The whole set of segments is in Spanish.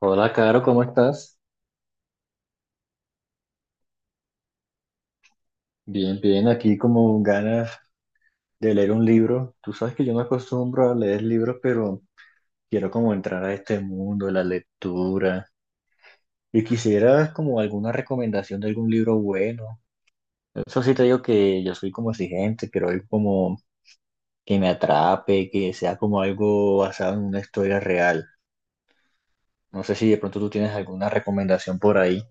Hola, Caro, ¿cómo estás? Bien, aquí como ganas de leer un libro. Tú sabes que yo me acostumbro a leer libros, pero quiero como entrar a este mundo de la lectura y quisiera como alguna recomendación de algún libro bueno. Eso sí te digo que yo soy como exigente, quiero algo como que me atrape, que sea como algo basado en una historia real. No sé si de pronto tú tienes alguna recomendación por ahí.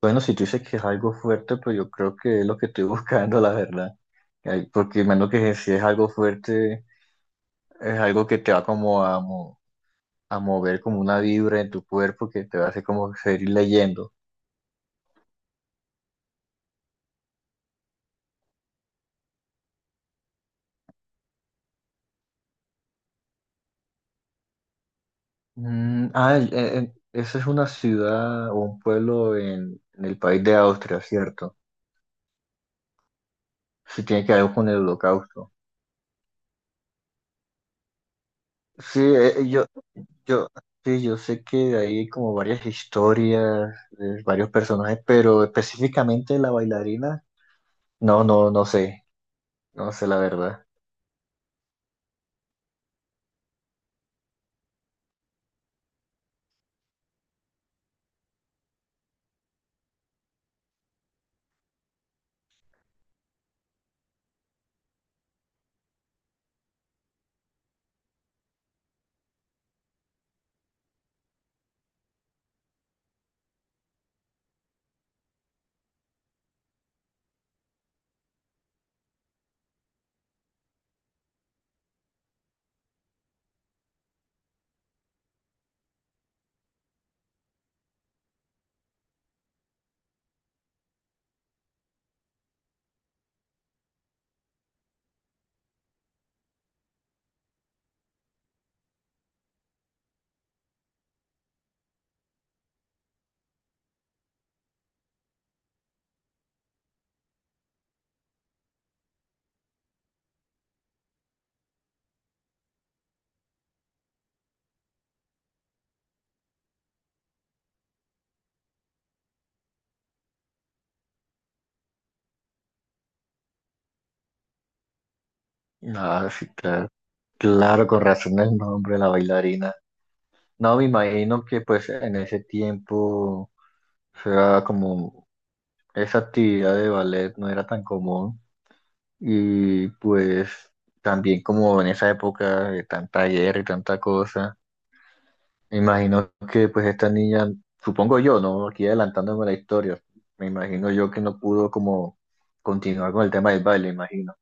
Bueno, si tú dices que es algo fuerte, pues yo creo que es lo que estoy buscando, la verdad. Ay, porque menos que si es algo fuerte, es algo que te va como a mover como una vibra en tu cuerpo que te va a hacer como seguir leyendo. Esa es una ciudad o un pueblo en el país de Austria, ¿cierto? Sí, tiene que ver con el holocausto. Sí, yo, sí, yo sé que hay como varias historias, varios personajes, pero específicamente la bailarina. No sé, no sé la verdad. Ah, sí, claro, con razón el nombre, la bailarina. No, me imagino que pues en ese tiempo, o sea, como esa actividad de ballet no era tan común y pues también como en esa época de tanta guerra y tanta cosa, me imagino que pues esta niña, supongo yo, ¿no? Aquí adelantándome la historia, me imagino yo que no pudo como continuar con el tema del baile, imagino.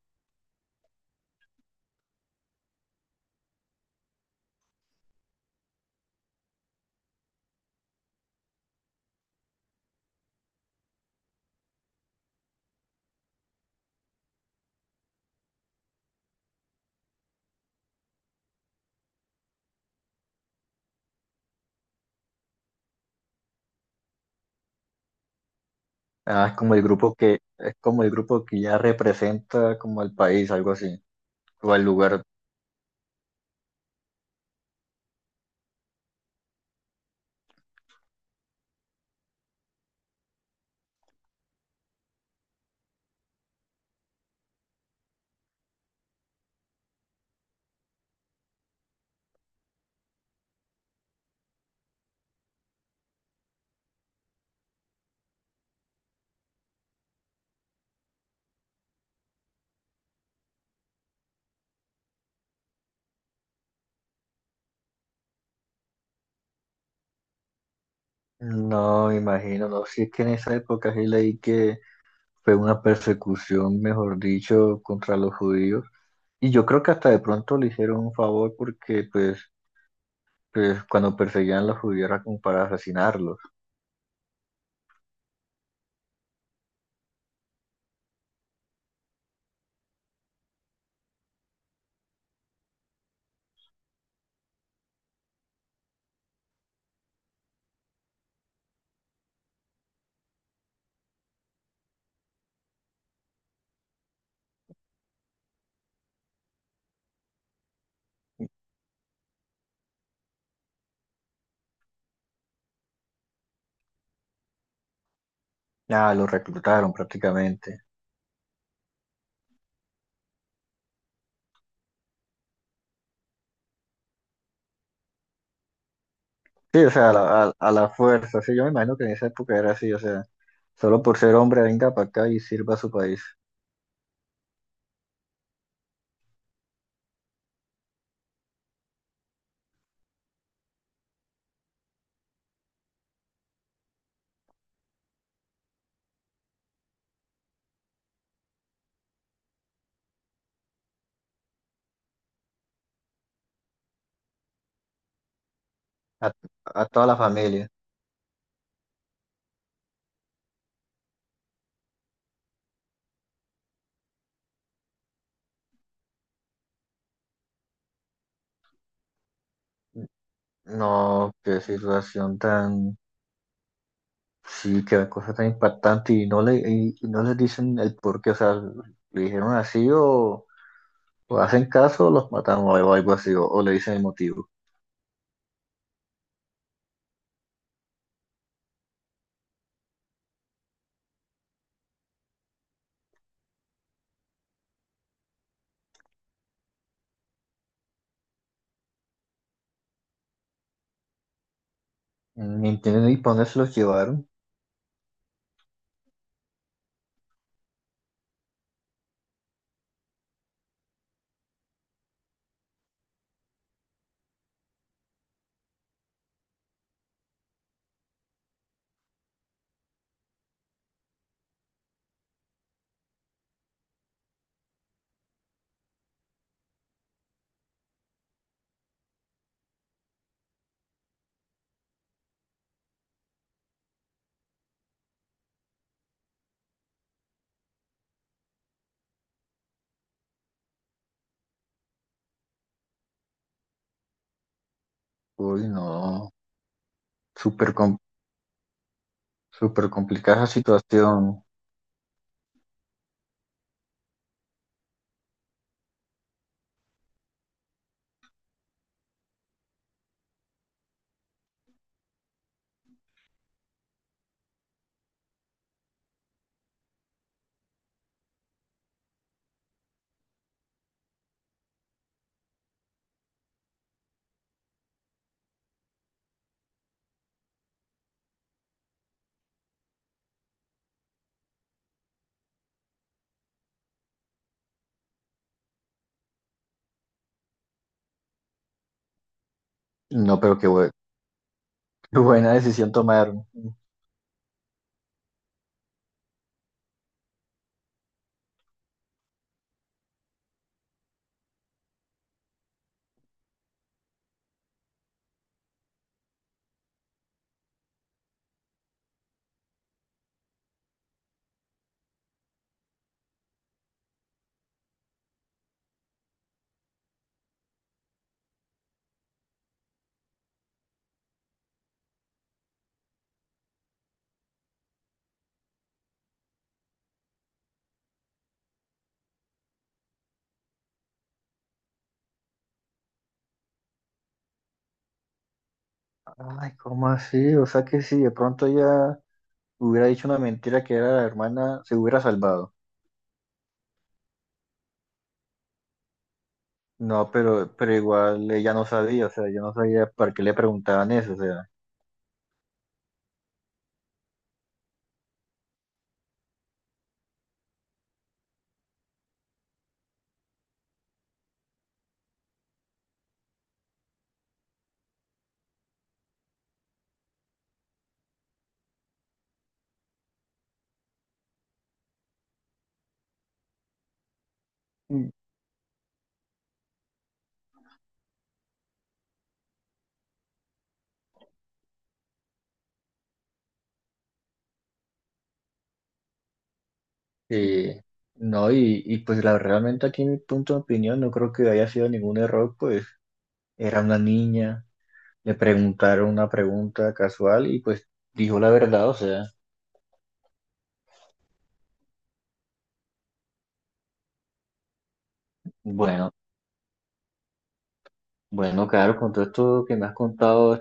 Ah, es como el grupo que ya representa como al país, algo así, o al lugar. No, me imagino, no, si es que en esa época sí leí que fue una persecución, mejor dicho, contra los judíos. Y yo creo que hasta de pronto le hicieron un favor pues cuando perseguían a los judíos era como para asesinarlos. Ah, los reclutaron prácticamente. Sí, o sea, a la fuerza. Sí, yo me imagino que en esa época era así, o sea, solo por ser hombre venga para acá y sirva a su país. A, a toda la familia. No, qué situación tan, sí, qué cosa tan impactante y no les dicen el por qué, o sea, le dijeron así o hacen caso o los matamos o algo así, o le dicen el motivo. Ni entienden ni para dónde se los llevaron. Uy, no, súper com- súper complicada esa situación. No, pero qué bue- qué buena decisión tomaron. Ay, ¿cómo así? O sea que si de pronto ella hubiera dicho una mentira que era la hermana, se hubiera salvado. No, pero igual ella no sabía, o sea, yo no sabía para qué le preguntaban eso, o sea, mm, eh, no, y pues la, realmente aquí mi punto de opinión no creo que haya sido ningún error, pues era una niña, le preguntaron una pregunta casual y pues dijo la verdad, o sea, bueno, bueno, claro, con todo esto que me has contado,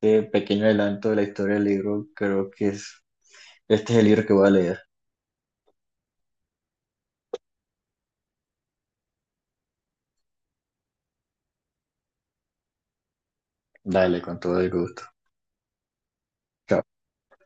este pequeño adelanto de la historia del libro, este es el libro que voy a leer. Dale, con todo el gusto. Chao.